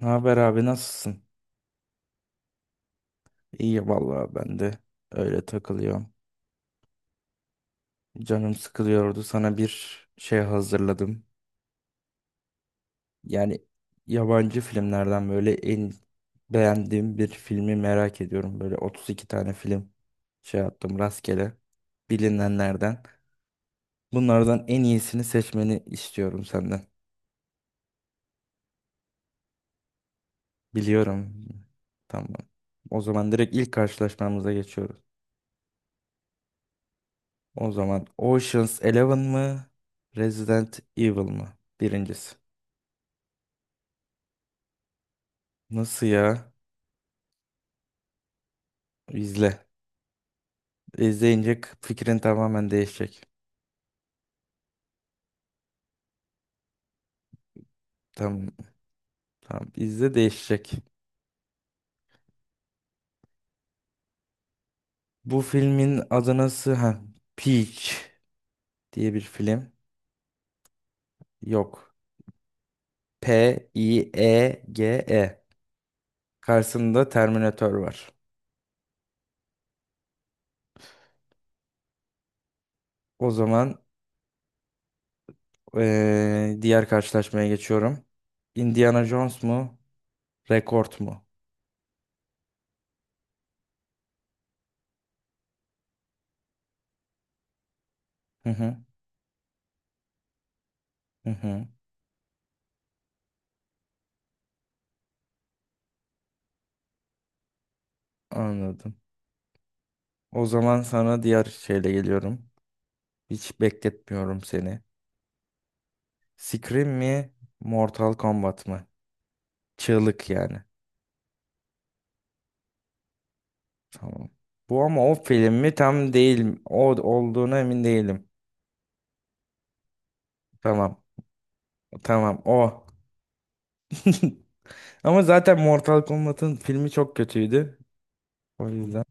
Ne haber abi nasılsın? İyi vallahi ben de öyle takılıyorum. Canım sıkılıyordu. Sana bir şey hazırladım. Yani yabancı filmlerden böyle en beğendiğim bir filmi merak ediyorum. Böyle 32 tane film şey yaptım rastgele bilinenlerden. Bunlardan en iyisini seçmeni istiyorum senden. Biliyorum. Tamam. O zaman direkt ilk karşılaşmamıza geçiyoruz. O zaman Ocean's Eleven mı? Resident Evil mı? Birincisi. Nasıl ya? İzle. İzleyince fikrin tamamen değişecek. Tamam, tamam. İzle değişecek. Bu filmin adı nasıl? Ha, Peach diye bir film. Yok. P-I-E-G-E. Karşısında Terminator var. O zaman diğer karşılaşmaya geçiyorum. Indiana Jones mu? Rekord mu? Hı hı. Hı hı. Anladım. O zaman sana diğer şeyle geliyorum. Hiç bekletmiyorum seni. Scream mi? Mortal Kombat mı? Çığlık yani. Tamam. Bu ama o film mi tam değil. O olduğuna emin değilim. Tamam. Tamam o. Ama zaten Mortal Kombat'ın filmi çok kötüydü. O yüzden.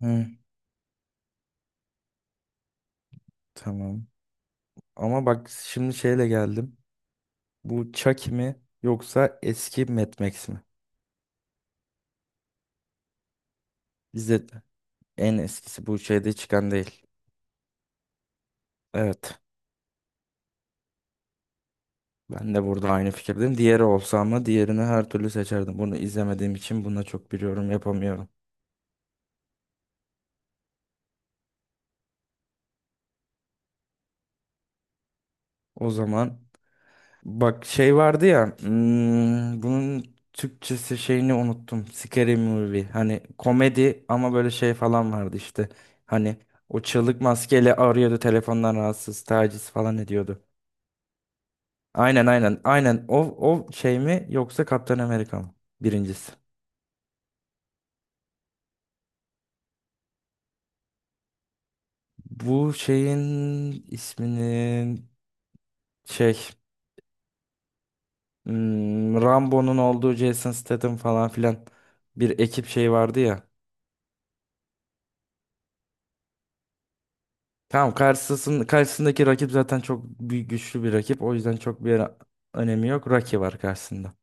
Hı, tamam. Ama bak şimdi şeyle geldim. Bu Chucky mi yoksa eski Mad Max mi? İzledim. En eskisi bu şeyde çıkan değil. Evet. Ben de burada aynı fikirdeyim. Diğeri olsa ama diğerini her türlü seçerdim. Bunu izlemediğim için buna çok bir yorum yapamıyorum. O zaman bak şey vardı ya bunun Türkçesi şeyini unuttum. Scary Movie. Hani komedi ama böyle şey falan vardı işte. Hani o çığlık maskeyle arıyordu telefondan rahatsız taciz falan ediyordu. Aynen aynen aynen o, o şey mi yoksa Kaptan Amerika mı? Birincisi. Bu şeyin isminin şey Rambo'nun olduğu Jason Statham falan filan bir ekip şey vardı ya. Tamam karşısındaki rakip zaten çok büyük güçlü bir rakip. O yüzden çok bir önemi yok. Rocky var karşısında.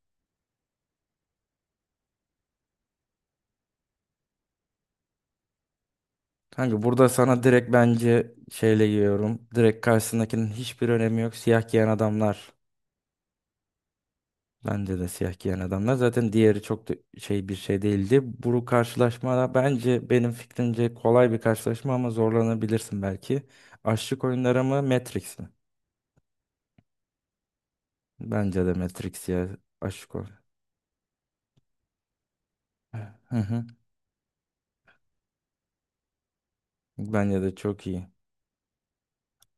Kanka burada sana direkt bence şeyle giriyorum. Direkt karşısındakinin hiçbir önemi yok. Siyah giyen adamlar. Bence de siyah giyen adamlar. Zaten diğeri çok da şey bir şey değildi. Bu karşılaşma da bence benim fikrimce kolay bir karşılaşma ama zorlanabilirsin belki. Açlık oyunları mı Matrix mi? Bence de Matrix ya aşk ol. Hı hı. Bence de çok iyi.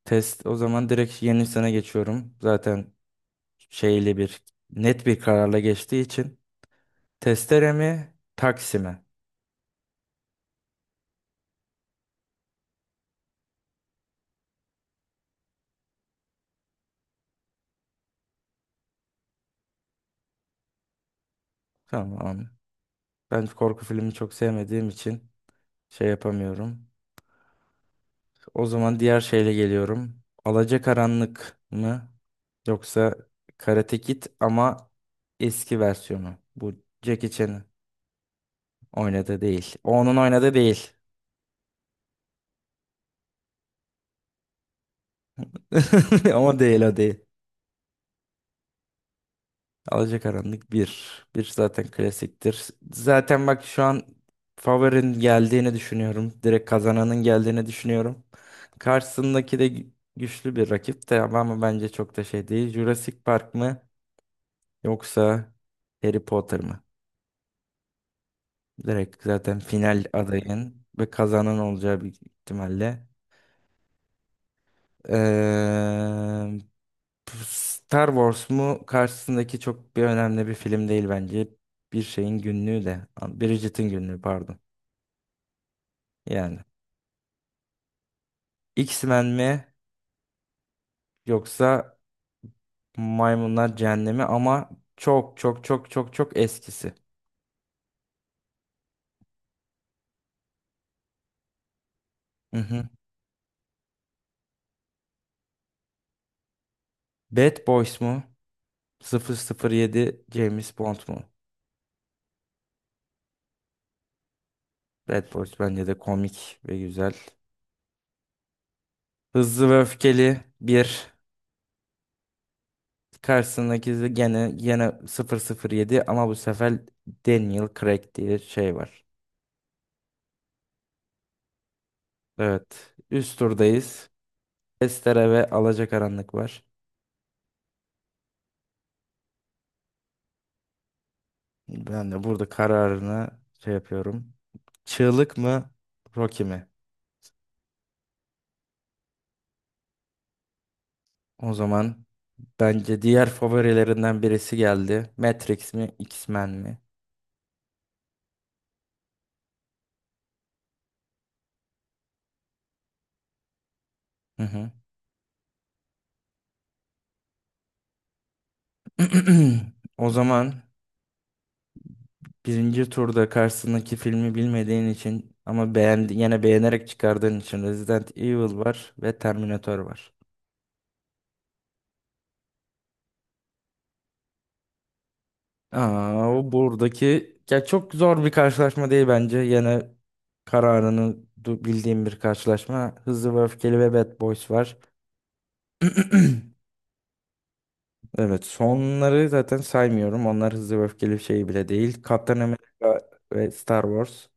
Test o zaman direkt yeni sene geçiyorum. Zaten şeyli bir net bir kararla geçtiği için. Testere mi taksi mi? Tamam. Ben korku filmi çok sevmediğim için şey yapamıyorum. O zaman diğer şeyle geliyorum. Alacakaranlık mı? Yoksa Karate Kid ama eski versiyonu. Bu Jackie Chan'ın oynadığı değil. O onun oynadığı değil. Ama değil o değil. Alacakaranlık bir. Bir zaten klasiktir. Zaten bak şu an favorin geldiğini düşünüyorum. Direkt kazananın geldiğini düşünüyorum. Karşısındaki de güçlü bir rakip de ama bence çok da şey değil. Jurassic Park mı yoksa Harry Potter mı? Direkt zaten final adayın ve kazanan olacağı bir ihtimalle. Eee, Star Wars mu karşısındaki çok bir önemli bir film değil bence. Bir şeyin günlüğü de. Bridget'in günlüğü pardon. Yani X-Men mi yoksa Maymunlar Cehennemi ama çok çok çok çok çok eskisi. Hı hı. Bad Boys mu? Sıfır sıfır yedi James Bond mu? Bad Boys bence de komik ve güzel. Hızlı ve öfkeli bir. Karşısındaki de gene gene sıfır sıfır yedi ama bu sefer Daniel Craig diye şey var. Evet. Üst turdayız. Estere ve Alacakaranlık var. Ben de burada kararını şey yapıyorum. Çığlık mı? Rocky mi? O zaman bence diğer favorilerinden birisi geldi. Matrix mi? X-Men mi? Hı hı. O zaman birinci turda karşısındaki filmi bilmediğin için ama yine beğenerek çıkardığın için Resident Evil var ve Terminator var. Aa, o buradaki ya çok zor bir karşılaşma değil bence. Yine kararını bildiğim bir karşılaşma. Hızlı ve Öfkeli ve Bad Boys var. Evet, sonları zaten saymıyorum. Onlar Hızlı ve Öfkeli bir şey bile değil. Kaptan Amerika ve Star Wars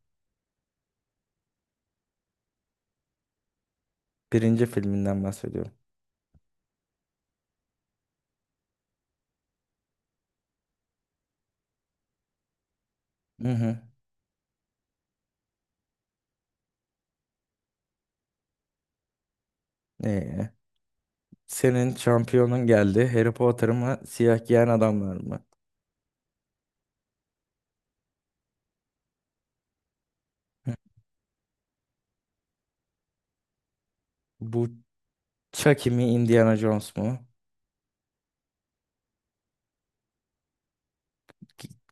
birinci filminden bahsediyorum. Hı hı. Ee, senin şampiyonun geldi. Harry Potter mı, Siyah Giyen Adamlar mı? Hı. Bu Chucky mi, Indiana Jones mu?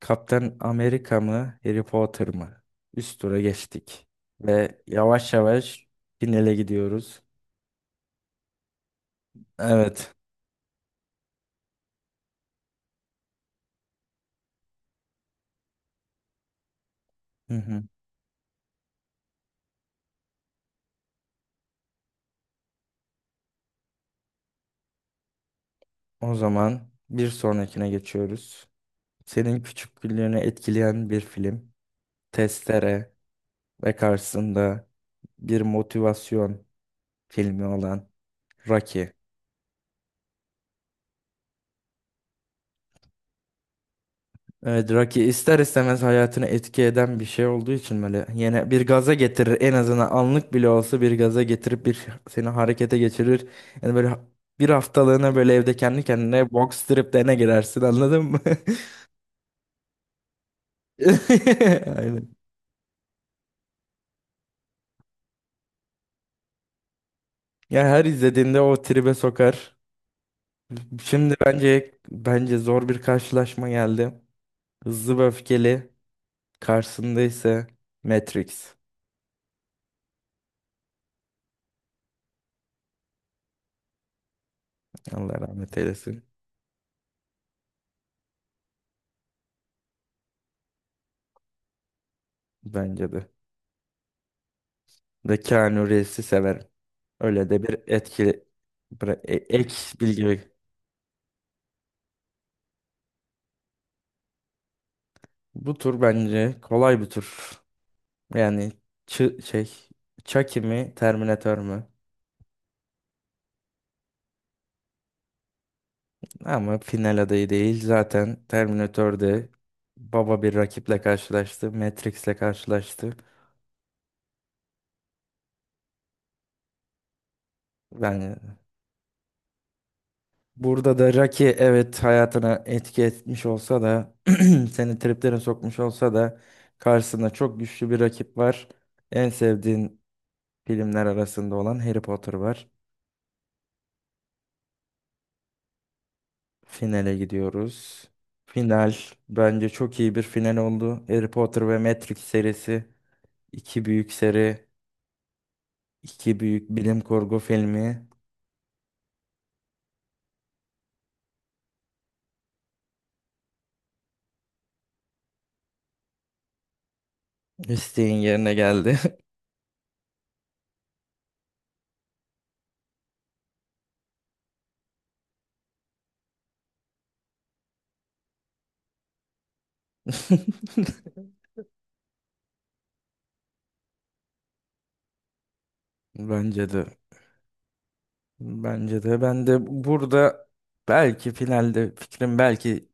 Kaptan Amerika mı, Harry Potter mı? Üst tura geçtik. Ve yavaş yavaş finale gidiyoruz. Evet. Hı hı. O zaman bir sonrakine geçiyoruz. Senin küçüklüğünü etkileyen bir film. Testere ve karşısında bir motivasyon filmi olan Rocky. Evet Rocky ister istemez hayatını etki eden bir şey olduğu için böyle yine bir gaza getirir en azından anlık bile olsa bir gaza getirip bir seni harekete geçirir. Yani böyle bir haftalığına böyle evde kendi kendine box striplerine girersin anladın mı? Aynen. Ya her izlediğinde o tribe sokar. Şimdi bence zor bir karşılaşma geldi. Hızlı ve öfkeli karşısında ise Matrix. Allah rahmet eylesin. Bence de. Ve Keanu Reeves'i severim. Öyle de bir etkili ek bilgi. Bu tur bence kolay bir tur. Yani şey Chucky mi Terminator mu? Ama final adayı değil. Zaten Terminator'de baba bir rakiple karşılaştı. Matrix'le karşılaştı. Yani burada da Rocky evet hayatına etki etmiş olsa da seni triplere sokmuş olsa da karşısında çok güçlü bir rakip var. En sevdiğin filmler arasında olan Harry Potter var. Finale gidiyoruz. Final bence çok iyi bir final oldu. Harry Potter ve Matrix serisi iki büyük seri, iki büyük bilim kurgu filmi isteğin yerine geldi. Bence de. Bence de. Ben de burada belki finalde fikrim belki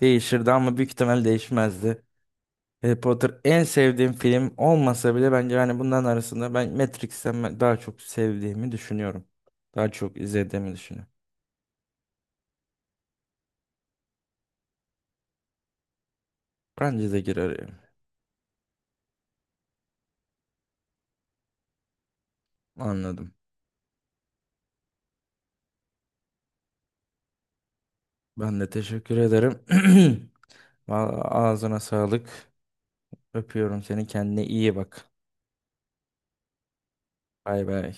değişirdi ama büyük ihtimal değişmezdi. Harry Potter en sevdiğim film olmasa bile bence hani bunların arasında ben Matrix'ten ben daha çok sevdiğimi düşünüyorum. Daha çok izlediğimi düşünüyorum. Bence de girer yani. Anladım. Ben de teşekkür ederim. Vallahi ağzına sağlık. Öpüyorum seni. Kendine iyi bak. Bay bay.